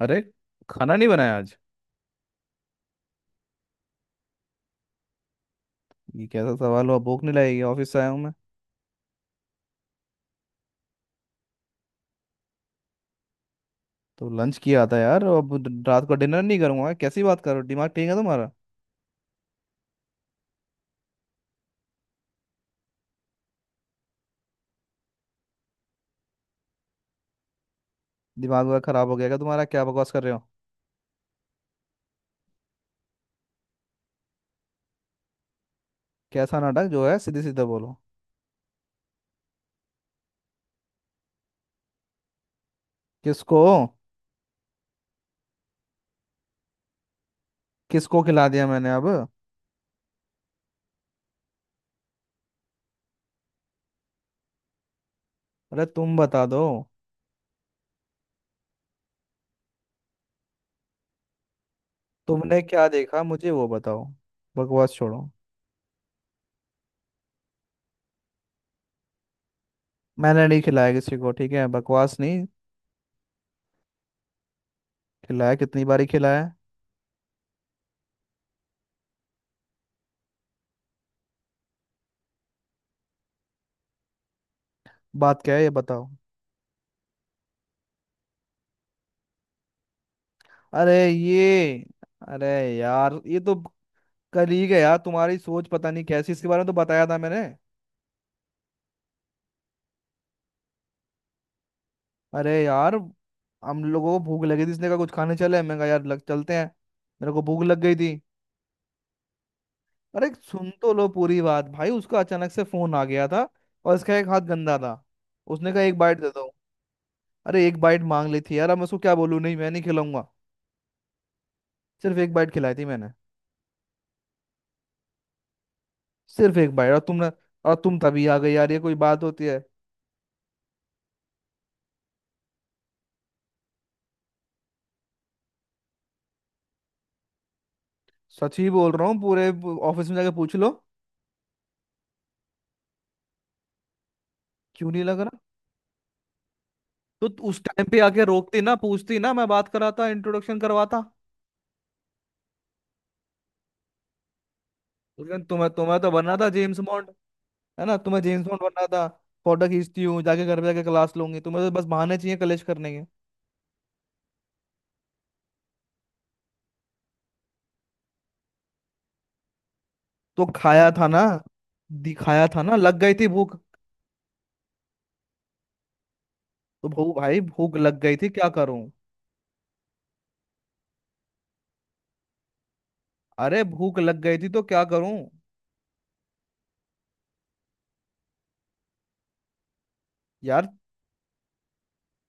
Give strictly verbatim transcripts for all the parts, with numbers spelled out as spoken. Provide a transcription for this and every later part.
अरे, खाना नहीं बनाया आज। ये कैसा सवाल हुआ? भूख नहीं लगेगी? ऑफिस से आया हूँ, मैं तो लंच किया था यार। अब द- रात को डिनर नहीं करूंगा? कैसी बात कर रहे हो, दिमाग ठीक है तुम्हारा? दिमाग वगैरह खराब हो गया क्या तुम्हारा? क्या बकवास कर रहे हो? कैसा नाटक? जो है सीधे सीधे बोलो। किसको? किसको खिला दिया मैंने अब? अरे तुम बता दो। तुमने क्या देखा मुझे वो बताओ। बकवास छोड़ो। मैंने नहीं खिलाया किसी को, ठीक है? बकवास नहीं। खिलाया, कितनी बारी खिलाया? बात क्या है ये बताओ। अरे ये, अरे यार, ये तो कलीग है यार। तुम्हारी सोच पता नहीं कैसी, इसके बारे में तो बताया था मैंने। अरे यार, हम लोगों को भूख लगी थी, इसने कहा कुछ खाने चले, मैं कहा यार लग चलते हैं। मेरे को भूख लग गई थी। अरे सुन तो लो पूरी बात भाई, उसका अचानक से फोन आ गया था और इसका एक हाथ गंदा था। उसने कहा एक बाइट दे दो। अरे एक बाइट मांग ली थी यार, अब मैं उसको क्या बोलूँ, नहीं मैं नहीं खिलाऊंगा? सिर्फ एक बाइट खिलाई थी मैंने। सिर्फ एक बाइट और तुमने, और तुम तभी आ गई यार। ये कोई बात होती है? सच ही बोल रहा हूँ, पूरे ऑफिस में जाके पूछ लो। क्यों नहीं लग रहा? तो उस टाइम पे आके रोकती ना, पूछती ना, मैं बात कराता, इंट्रोडक्शन करवाता। लेकिन तुम्हें तुम्हें तो बनना था जेम्स बॉन्ड। है ना? तुम्हें जेम्स बॉन्ड बनना था। फोटो खींचती हूँ जाके, घर पे जाके क्लास लूंगी, तुम्हें तो बस बहाने चाहिए कलेश करने के। तो खाया था ना, दिखाया था ना, लग गई थी भूख। तो भू भाई भूख लग गई थी क्या करूं? अरे भूख लग गई थी तो क्या करूं? यार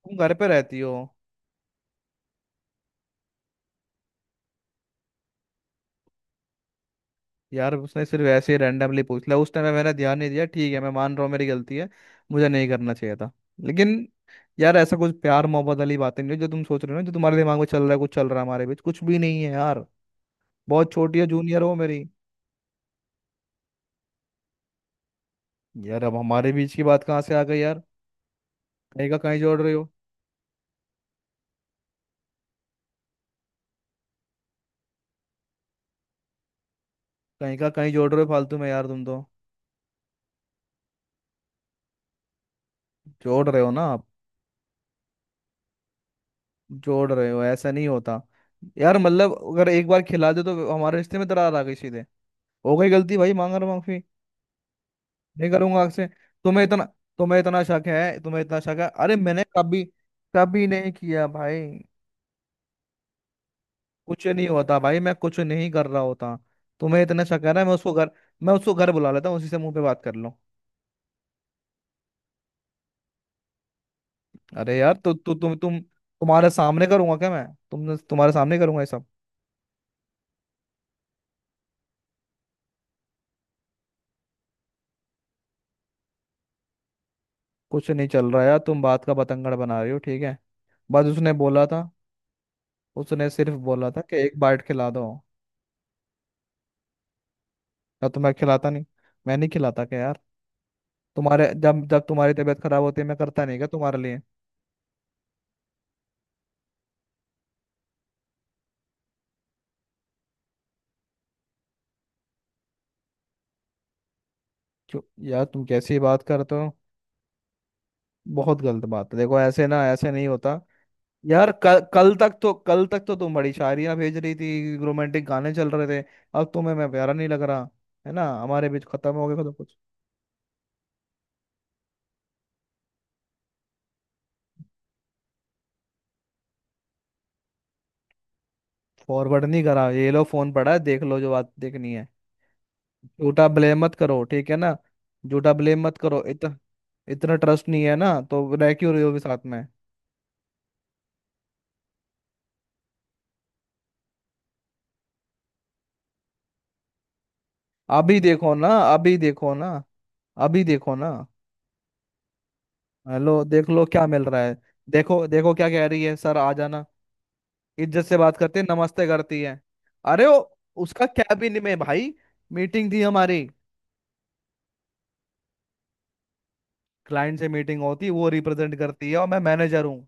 तुम घर पे रहती हो। यार उसने सिर्फ ऐसे ही रैंडमली पूछ लिया, उस टाइम पे मैंने ध्यान नहीं दिया। ठीक है, मैं मान रहा हूँ मेरी गलती है, मुझे नहीं करना चाहिए था। लेकिन यार ऐसा कुछ प्यार मोहब्बत वाली बातें नहीं है, जो तुम सोच रहे हो ना, जो तुम्हारे दिमाग में चल रहा है, कुछ चल रहा है हमारे बीच, कुछ भी नहीं है यार। बहुत छोटी है, जूनियर हो मेरी। यार अब हमारे बीच की बात कहाँ से आ गई यार? कहीं का कहीं जोड़ रहे हो। कहीं का कहीं जोड़ रहे हो फालतू में यार तुम तो। जोड़ रहे हो ना आप, जोड़ रहे हो, ऐसा नहीं होता। यार मतलब, अगर एक बार खिला दो तो हमारे रिश्ते में दरार आ गई सीधे? हो गई गलती भाई, मांग रहा माफी, नहीं करूंगा आपसे। तुम्हें इतना तुम्हें इतना शक है? तुम्हें इतना शक है? अरे मैंने कभी कभी नहीं किया भाई, कुछ नहीं होता भाई, मैं कुछ नहीं कर रहा होता। तुम्हें इतना शक है ना, मैं उसको घर मैं उसको घर बुला लेता हूँ, उसी से मुंह पे बात कर लो। अरे यार, तो तु, तु, तुम तुम तुम्हारे सामने करूंगा क्या मैं? तुम तुम्हारे सामने करूंगा ये सब? कुछ नहीं चल रहा यार, तुम बात का बतंगड़ बना रही हो, ठीक है? बस उसने बोला था, उसने सिर्फ बोला था कि एक बाइट खिला दो। या तो मैं खिलाता नहीं? मैं नहीं खिलाता क्या यार? तुम्हारे जब जब तुम्हारी तबीयत खराब होती है मैं करता नहीं क्या तुम्हारे लिए? क्यों? यार तुम कैसी बात करते हो? बहुत गलत बात है, देखो ऐसे ना, ऐसे नहीं होता। यार कल कल तक तो कल तक तो तुम बड़ी शायरियां भेज रही थी, रोमांटिक गाने चल रहे थे। अब तुम्हें मैं प्यारा नहीं लग रहा? है ना, हमारे बीच खत्म हो गया तो कुछ। फॉरवर्ड नहीं करा, ये लो फोन पड़ा है, देख लो जो बात देखनी है। झूठा ब्लेम मत करो, ठीक है ना? झूठा ब्लेम मत करो इतना। इतना ट्रस्ट नहीं है ना तो रह क्यों रहे हो भी साथ में? अभी देखो ना, अभी देखो ना, अभी देखो ना। हेलो, देख लो क्या मिल रहा है। देखो देखो क्या कह रही है, सर आ जाना। इज्जत से बात करती है, नमस्ते करती है। अरे वो, उसका कैबिन में भाई मीटिंग थी हमारी। क्लाइंट से मीटिंग होती, वो रिप्रेजेंट करती है और मैं मैनेजर हूँ।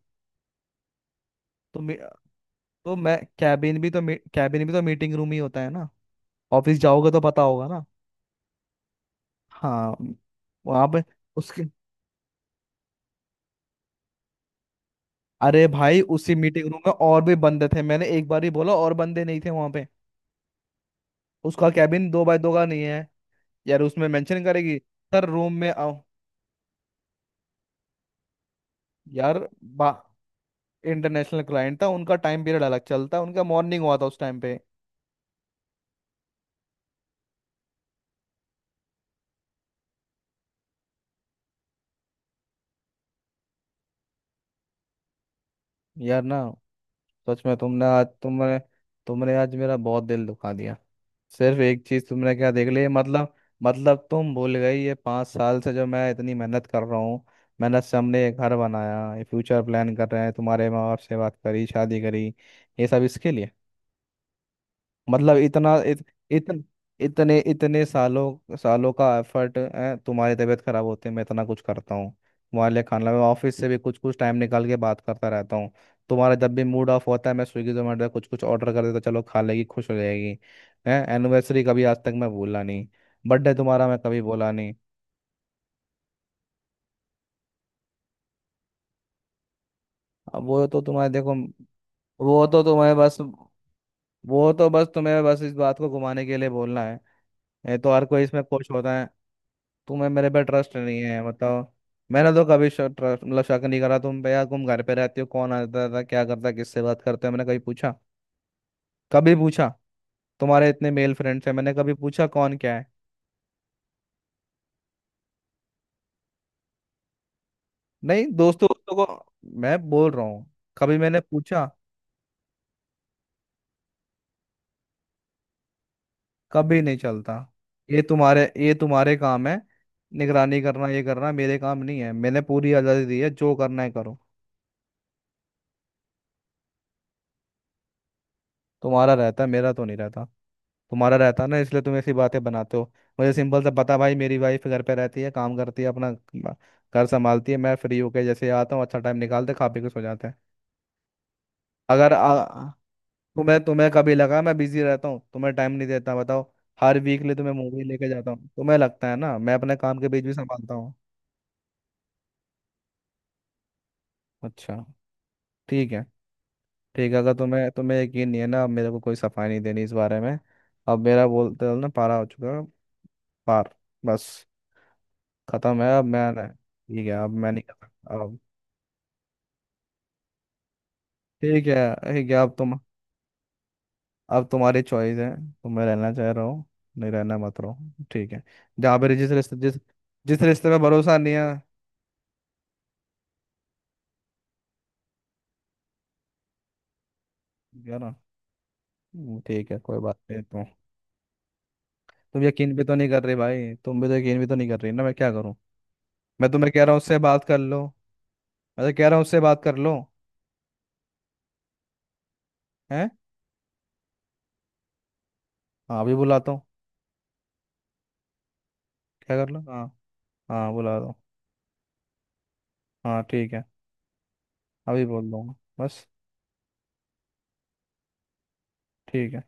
तो मी- तो मैं कैबिन भी तो कैबिन भी तो मीटिंग रूम ही होता है ना? ऑफिस जाओगे तो पता होगा ना। हाँ। वहां पे उसके अरे भाई उसी मीटिंग रूम में और भी बंदे थे, मैंने एक बार ही बोला, और बंदे नहीं थे वहां पे? उसका कैबिन दो बाय दो का नहीं है। यार उसमें मेंशन करेगी, सर रूम में आओ? यार बा इंटरनेशनल क्लाइंट था, उनका टाइम पीरियड अलग चलता है, उनका मॉर्निंग हुआ था उस टाइम पे। यार ना। सच में तुमने आज तुमने तुमने आज मेरा बहुत दिल दुखा दिया। सिर्फ एक चीज तुमने क्या देख ली मतलब? मतलब तुम भूल गई, ये पाँच साल से जो मैं इतनी मेहनत कर रहा हूँ, मेहनत से हमने ये घर बनाया, ये फ्यूचर प्लान कर रहे हैं, तुम्हारे माँ बाप से बात करी, शादी करी, ये सब इसके लिए। मतलब इतना इत, इतन, इतने इतने सालों सालों का एफर्ट है, तुम्हारी तबीयत खराब होते मैं इतना कुछ करता हूँ तुम्हारे लिए, खाना, मैं ऑफिस से भी कुछ कुछ टाइम निकाल के बात करता रहता हूँ। तुम्हारा जब भी मूड ऑफ होता है मैं स्विगी जोमेटो कुछ कुछ ऑर्डर कर देता, चलो खा लेगी खुश हो जाएगी। है एनिवर्सरी, कभी आज तक मैं भूला नहीं, बर्थडे तुम्हारा मैं कभी भूला नहीं। अब वो तो तुम्हारे, देखो वो तो तुम्हें बस वो तो बस तुम्हें बस इस बात को घुमाने के लिए बोलना है। ये तो हर कोई इसमें खुश होता है। तुम्हें मेरे पे ट्रस्ट नहीं है बताओ? मैंने तो कभी शक, ट्रस्ट मतलब, शक नहीं करा तुम पे यार। तुम घर पे रहती हो, कौन आता था, क्या करता, किससे बात करते हो, मैंने कभी पूछा? कभी पूछा? तुम्हारे इतने मेल फ्रेंड्स हैं, मैंने कभी पूछा कौन क्या है? नहीं, दोस्तों दोस्तों को मैं बोल रहा हूँ, कभी मैंने पूछा? कभी नहीं चलता। ये तुम्हारे, ये तुम्हारे काम है, निगरानी करना। ये करना मेरे काम नहीं है, मैंने पूरी आज़ादी दी है, जो करना है करो। तुम्हारा रहता है, मेरा तो नहीं रहता। तुम्हारा रहता है ना, इसलिए तुम ऐसी बातें बनाते हो। मुझे सिंपल सा बता, भाई मेरी वाइफ घर पे रहती है, काम करती है, अपना ब- घर संभालती है, मैं फ्री होके जैसे आता हूँ, अच्छा टाइम निकालते, खा पी के सो जाते हैं। अगर आ, तुम्हें तुम्हें कभी लगा मैं बिजी रहता हूँ, तुम्हें टाइम नहीं देता, बताओ? हर वीकली तुम्हें मूवी लेके जाता हूँ, तुम्हें लगता है ना मैं अपने काम के बीच भी संभालता हूँ। अच्छा, ठीक है ठीक है, अगर तुम्हें तुम्हें यकीन नहीं है ना, अब मेरे को कोई सफाई नहीं देनी इस बारे में। अब मेरा, बोलते हो ना, पारा हो चुका है, पार बस, खत्म है। अब मैं नहीं- ठीक है, अब मैं नहीं कर सकता अब। ठीक है ठीक है, अब तुम, अब तुम्हारी चॉइस है, तुम्हें रहना चाह रहा हो, नहीं रहना मत रहो। ठीक है, जहाँ पे जिस रिश्ते जिस जिस रिश्ते में भरोसा नहीं है। है ना? हम्म, ठीक है, कोई बात नहीं तुम। तुम यकीन भी तो नहीं कर रही भाई, तुम भी तो यकीन भी तो नहीं कर रही ना, मैं क्या करूँ? मैं तुम्हें कह रहा हूँ उससे बात कर लो, मैं तो कह रहा हूँ उससे बात कर लो। हैं? हाँ अभी बुलाता हूँ। क्या कर लो? हाँ, हाँ बुला दो। हाँ ठीक है, अभी बोल दूंगा बस। ठीक है,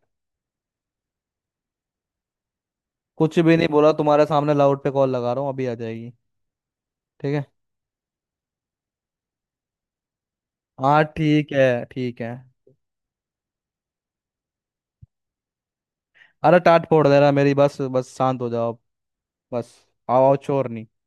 कुछ भी नहीं बोला, तुम्हारे सामने लाउड पे कॉल लगा रहा हूँ, अभी आ जाएगी। ठीक है। हाँ, ठीक है ठीक है। अरे, टाट फोड़ दे रहा मेरी, बस बस शांत हो जाओ। बस, आओ शोर नहीं।